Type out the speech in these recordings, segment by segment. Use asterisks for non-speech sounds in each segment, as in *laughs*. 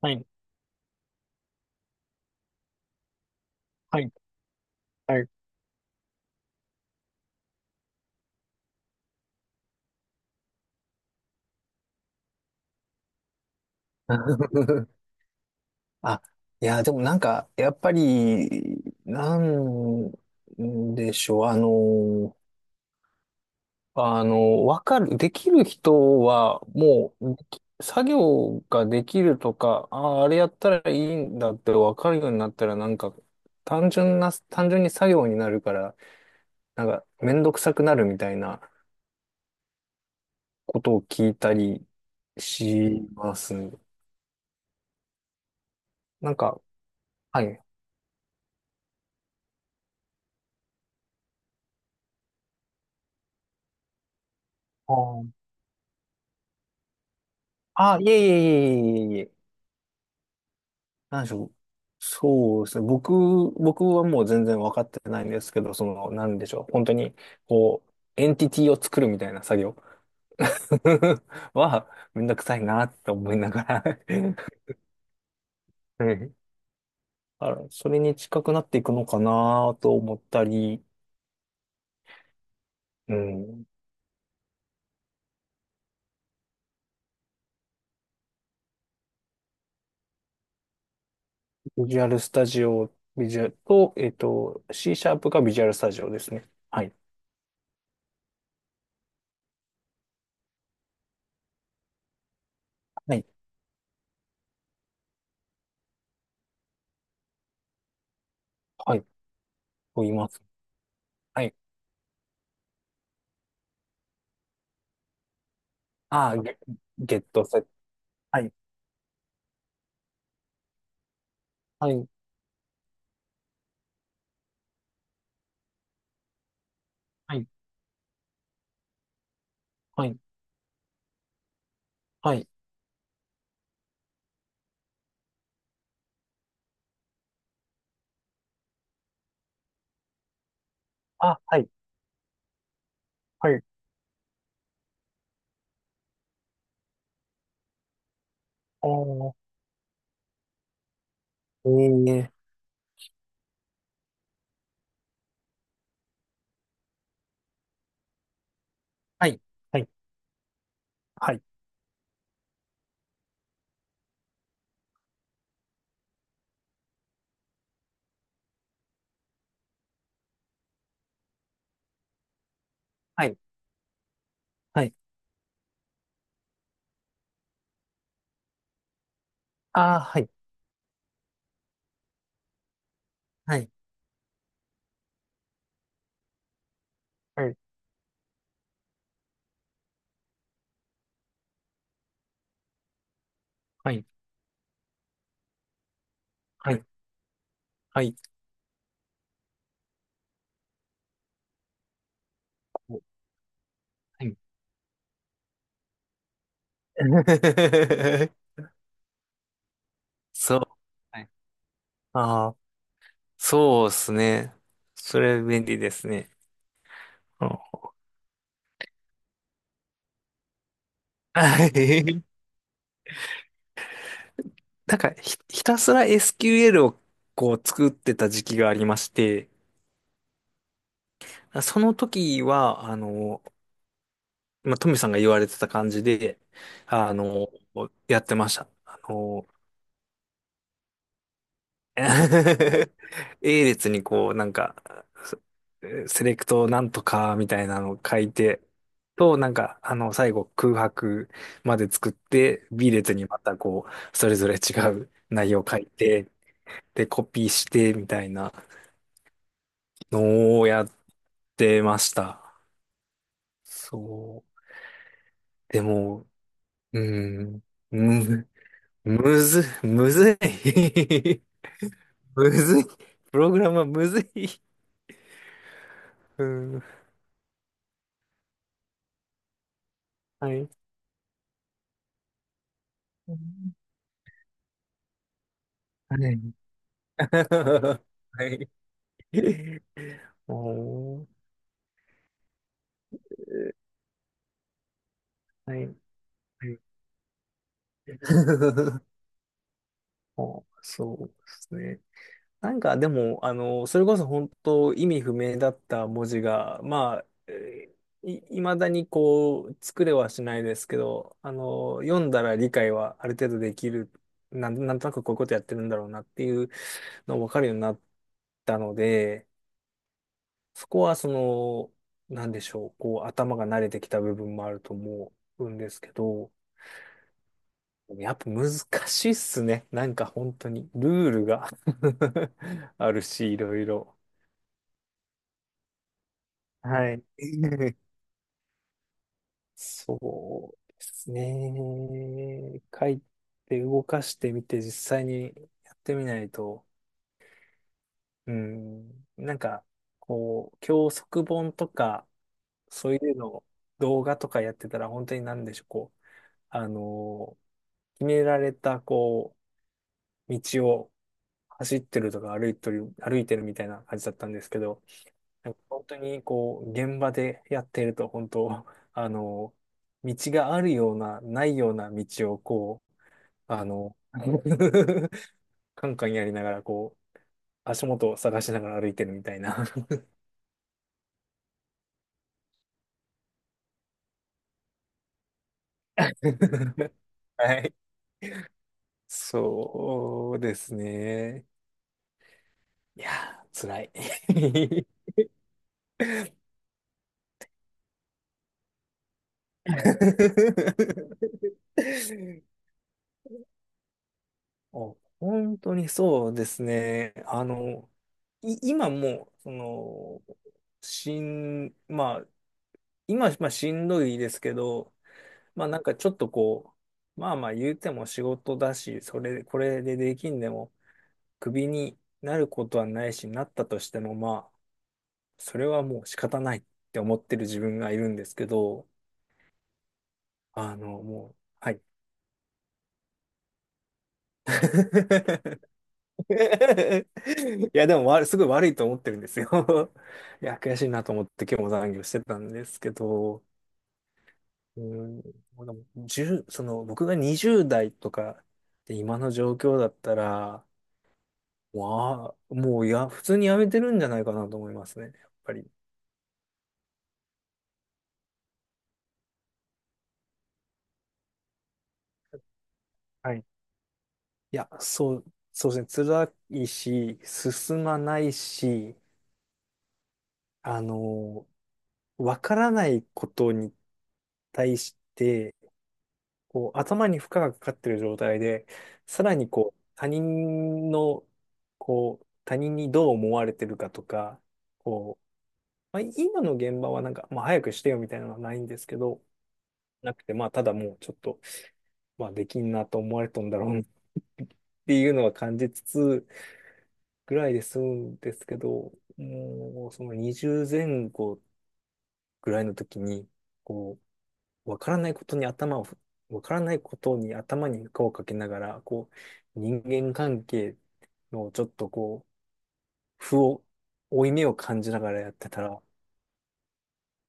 はい、はい、はい。*laughs* あ、いや、でもなんか、やっぱり、なんでしょう、あの、わかる、できる人は、もう、作業ができるとか、ああ、あれやったらいいんだってわかるようになったら、なんか、単純に作業になるから、なんか、めんどくさくなるみたいなことを聞いたりします。なんか、はい。あーいえいえいえいえいえいえ。なんでしょう。そうですね。僕はもう全然分かってないんですけど、その、なんでしょう。本当に、こう、エンティティを作るみたいな作業 *laughs* は、めんどくさいなって思いながら *laughs* はい。あら、それに近くなっていくのかなと思ったり、うん。ビジュアルスタジオ、ビジュアルと、C シャープがビジュアルスタジオですね。はい。はい。はい。と言います。はい。ああ、ゲットセット。はい。はい。はい。はい。はい。あ、はい、はい。おー、ええ。はい、はい、はい、はい、はい。あー、はい、はい、はい、はい、はい、はい。はい。 *laughs* そう。はい。ああ、そうですね。それ便利ですね。うん。はい。 *laughs* なんかひたすら SQL をこう作ってた時期がありまして、その時は、あの、まあ、トミさんが言われてた感じで、あの、やってました。あの、*laughs* A 列にこう、なんか、セセレクトなんとかみたいなのを書いて、と、なんか、あの、最後空白まで作って、B 列にまたこう、それぞれ違う内容を書いて、で、コピーして、みたいなのをやってました。そう。でも、うーん、む、むずい。*laughs* むずい。プログラムはむずい。うん。はい。はい。*laughs* はい。*laughs* おー、はい。はい。*laughs* お、そうですね。なんかでも、あの、それこそ本当意味不明だった文字が、まあ、いまだにこう、作れはしないですけど、あの、読んだら理解はある程度できる、なんとなくこういうことやってるんだろうなっていうの分かるようになったので、そこはその、なんでしょう、こう頭が慣れてきた部分もあると思うんですけど、やっぱ難しいっすね。なんか本当にルールが *laughs* あるし、いろいろ。はい。*laughs* そうですね。書いて動かしてみて実際にやってみないと、うん、なんかこう、教則本とか、そういうのを動画とかやってたら本当になんでしょう、こう、あの、決められた、こう、道を走ってるとか歩いてるみたいな感じだったんですけど、なんか本当にこう、現場でやってると、本当、*laughs* あの、道があるような、ないような道をこう、あの、*laughs* カンカンやりながら、こう、足元を探しながら歩いてるみたいな。*laughs* はい。そうですね。いやー、辛い。*laughs* あ、本当にそうですね。あの、今もう、その、しん、まあ、今、まあ、しんどいですけど、まあ、なんかちょっとこう、まあまあ言うても仕事だし、これでできんでも、クビになることはないし、なったとしても、まあ、それはもう仕方ないって思ってる自分がいるんですけど、あの、もう、はい。*laughs* *laughs* いや、でもわ、すごい悪いと思ってるんですよ。*laughs* いや、悔しいなと思って今日も残業してたんですけど、うん、でも10、その、僕が20代とかで今の状況だったら、わあ、もういや、普通に辞めてるんじゃないかなと思いますね、やっぱり。はい。いや、そうですね、辛いし、進まないし、あの、わからないことに対して、こう、頭に負荷がかかってる状態で、さらにこう、他人の、こう、他人にどう思われてるかとか、こう、まあ、今の現場はなんか、まあ、早くしてよみたいなのはないんですけど、なくて、まあ、ただもうちょっと、まあ、できんなと思われたんだろうなっていうのは感じつつぐらいで済むんですけど、もう、その20前後ぐらいの時に、こう、わからないことに頭を、わからないことに頭に負荷をかけながら、こう、人間関係のちょっとこう、負い目を感じながらやってたら、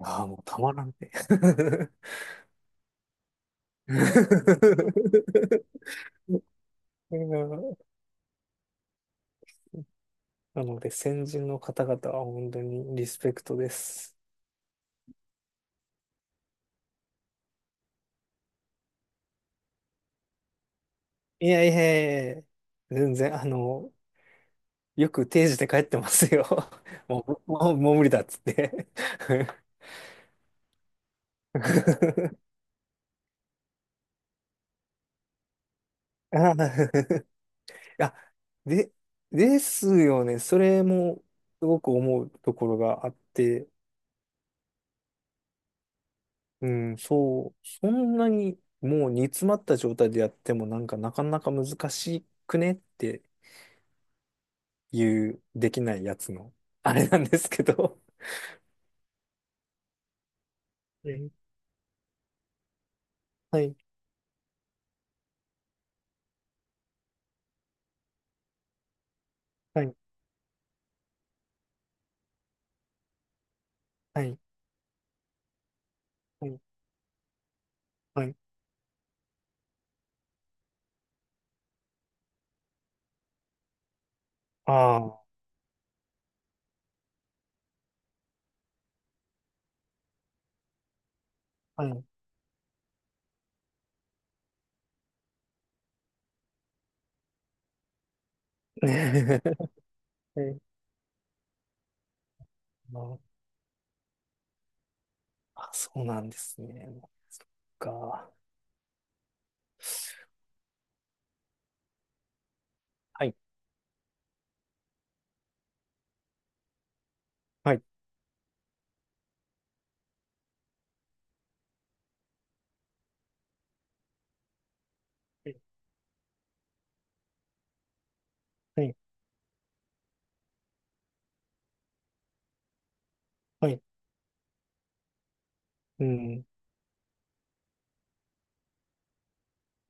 ああ、もうたまらんね。*laughs* うん。なので、先人の方々は本当にリスペクトです。いやいやいや、全然、あの、よく定時で帰ってますよ。*laughs* もう、もう、もう無理だっつって。*laughs* ああ、あ、で、ですよね。それもすごく思うところがあって、うん、そう、そんなにもう煮詰まった状態でやってもなんかなかなか難しくねっていうできないやつの、あれなんですけど。うん。はい、はい、はい、はい、はい。ああ、はい。*laughs* はい。ああ、そうなんですね。なんか。はい、はい、はい、はい。はい。うん。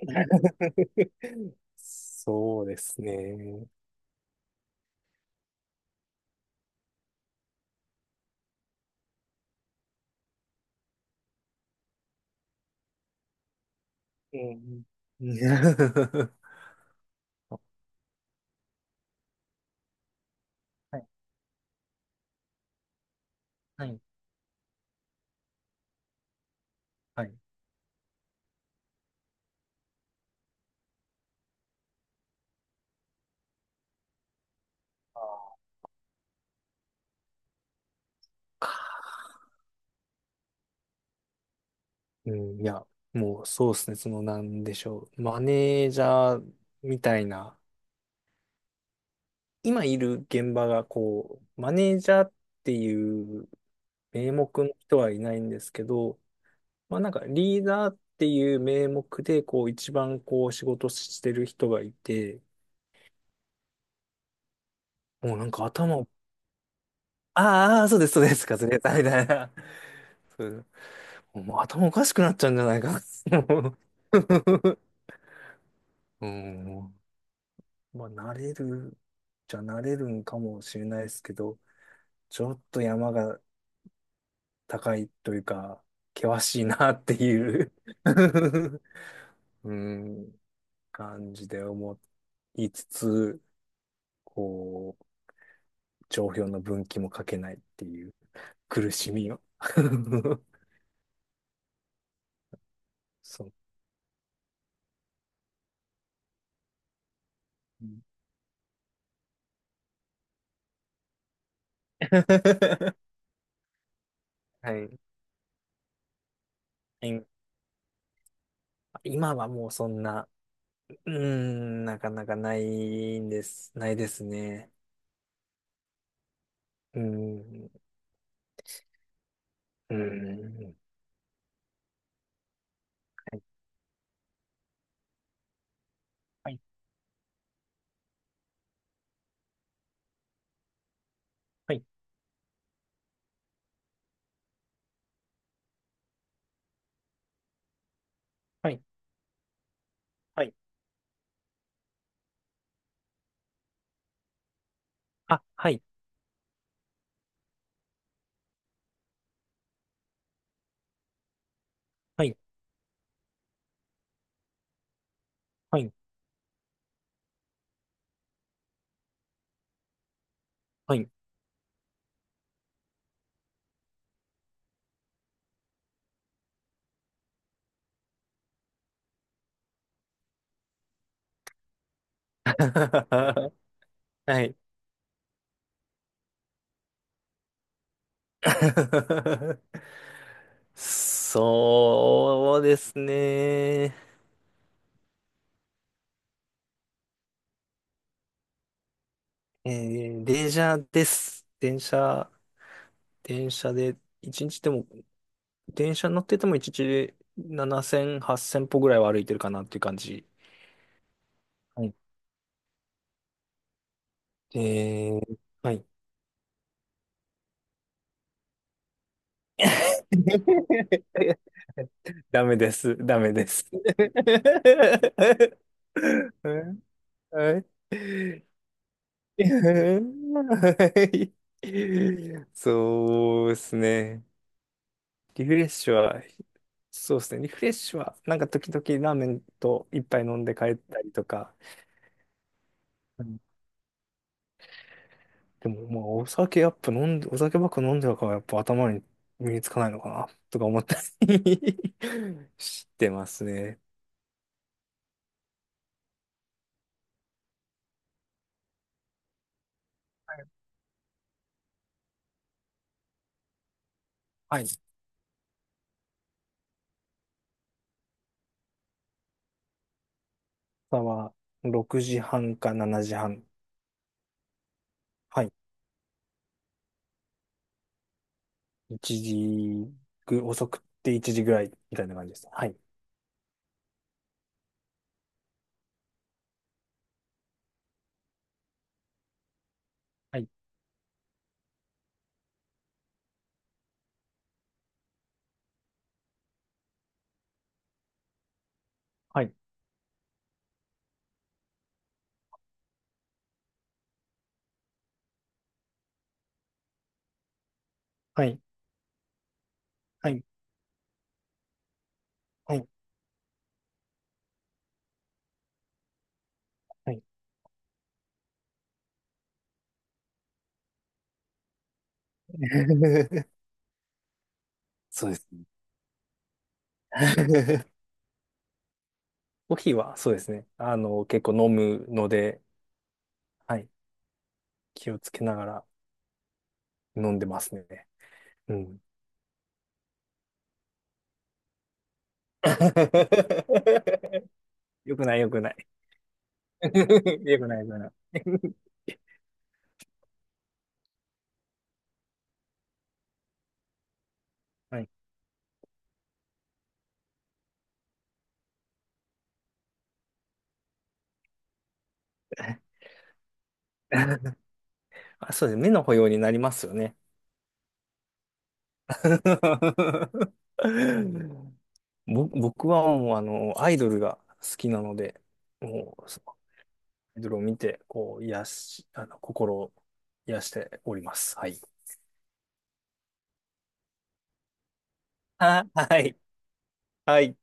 *laughs* そうですね。うん。うん *laughs* はい、はい、はい。うん、いや、もうそうですね。その、なんでしょう。マネージャーみたいな、今いる現場がこう、マネージャーっていう名目の人はいないんですけど、まあなんかリーダーっていう名目で、こう、一番こう、仕事してる人がいて、もうなんか頭、あーあー、そうです、そうです、カズレーザーみたいな。そう、もう頭おかしくなっちゃうんじゃないか。もう *laughs* うん。まあ、慣れる、じゃ慣れるんかもしれないですけど、ちょっと山が高いというか、険しいなっていう *laughs* うん、感じで思いつつ、こう、帳票の分岐も書けないっていう苦しみを。 *laughs* そう。*laughs* はい。え、今はもうそんな、うーん、なかなかないんです、ないですね。うーん、うーん。はい、はい、はい、はい。あ、はい、はい、はい、はい。*laughs* はい。*laughs* そうですね。えー、電車です。電車で、一日でも、電車乗ってても一日で7000、8000歩ぐらいは歩いてるかなっていう感じ。えー、はい。*laughs* ダメです。ダメです。*laughs* はい、はい。そうですね。リフレッシュは、そうですね。リフレッシュは、なんか時々ラーメンと一杯飲んで帰ったりとか、でも、まあ、お酒やっぱ飲んで、お酒ばっか飲んじゃうから、やっぱ頭に身につかないのかな、とか思ったり *laughs* してますね。はい。朝は6時半か7時半。はい。1時ぐ、遅くて1時ぐらい、みたいな感じです。はい。はい。はい。はい。はい。はい。はい。*laughs* そうですね。*laughs* コーヒーは、そうですね。あの、結構飲むので、はい。気をつけながら飲んでますね。うん。*laughs* よくない、よくない。*laughs* よくない、よくない。*laughs* はい。*laughs* あ、そうです。目の保養になりますよね。*laughs* 僕はもう、あの、アイドルが好きなので、もう、そのアイドルを見て、こう、あの、心を癒しております。はい。はい。はい。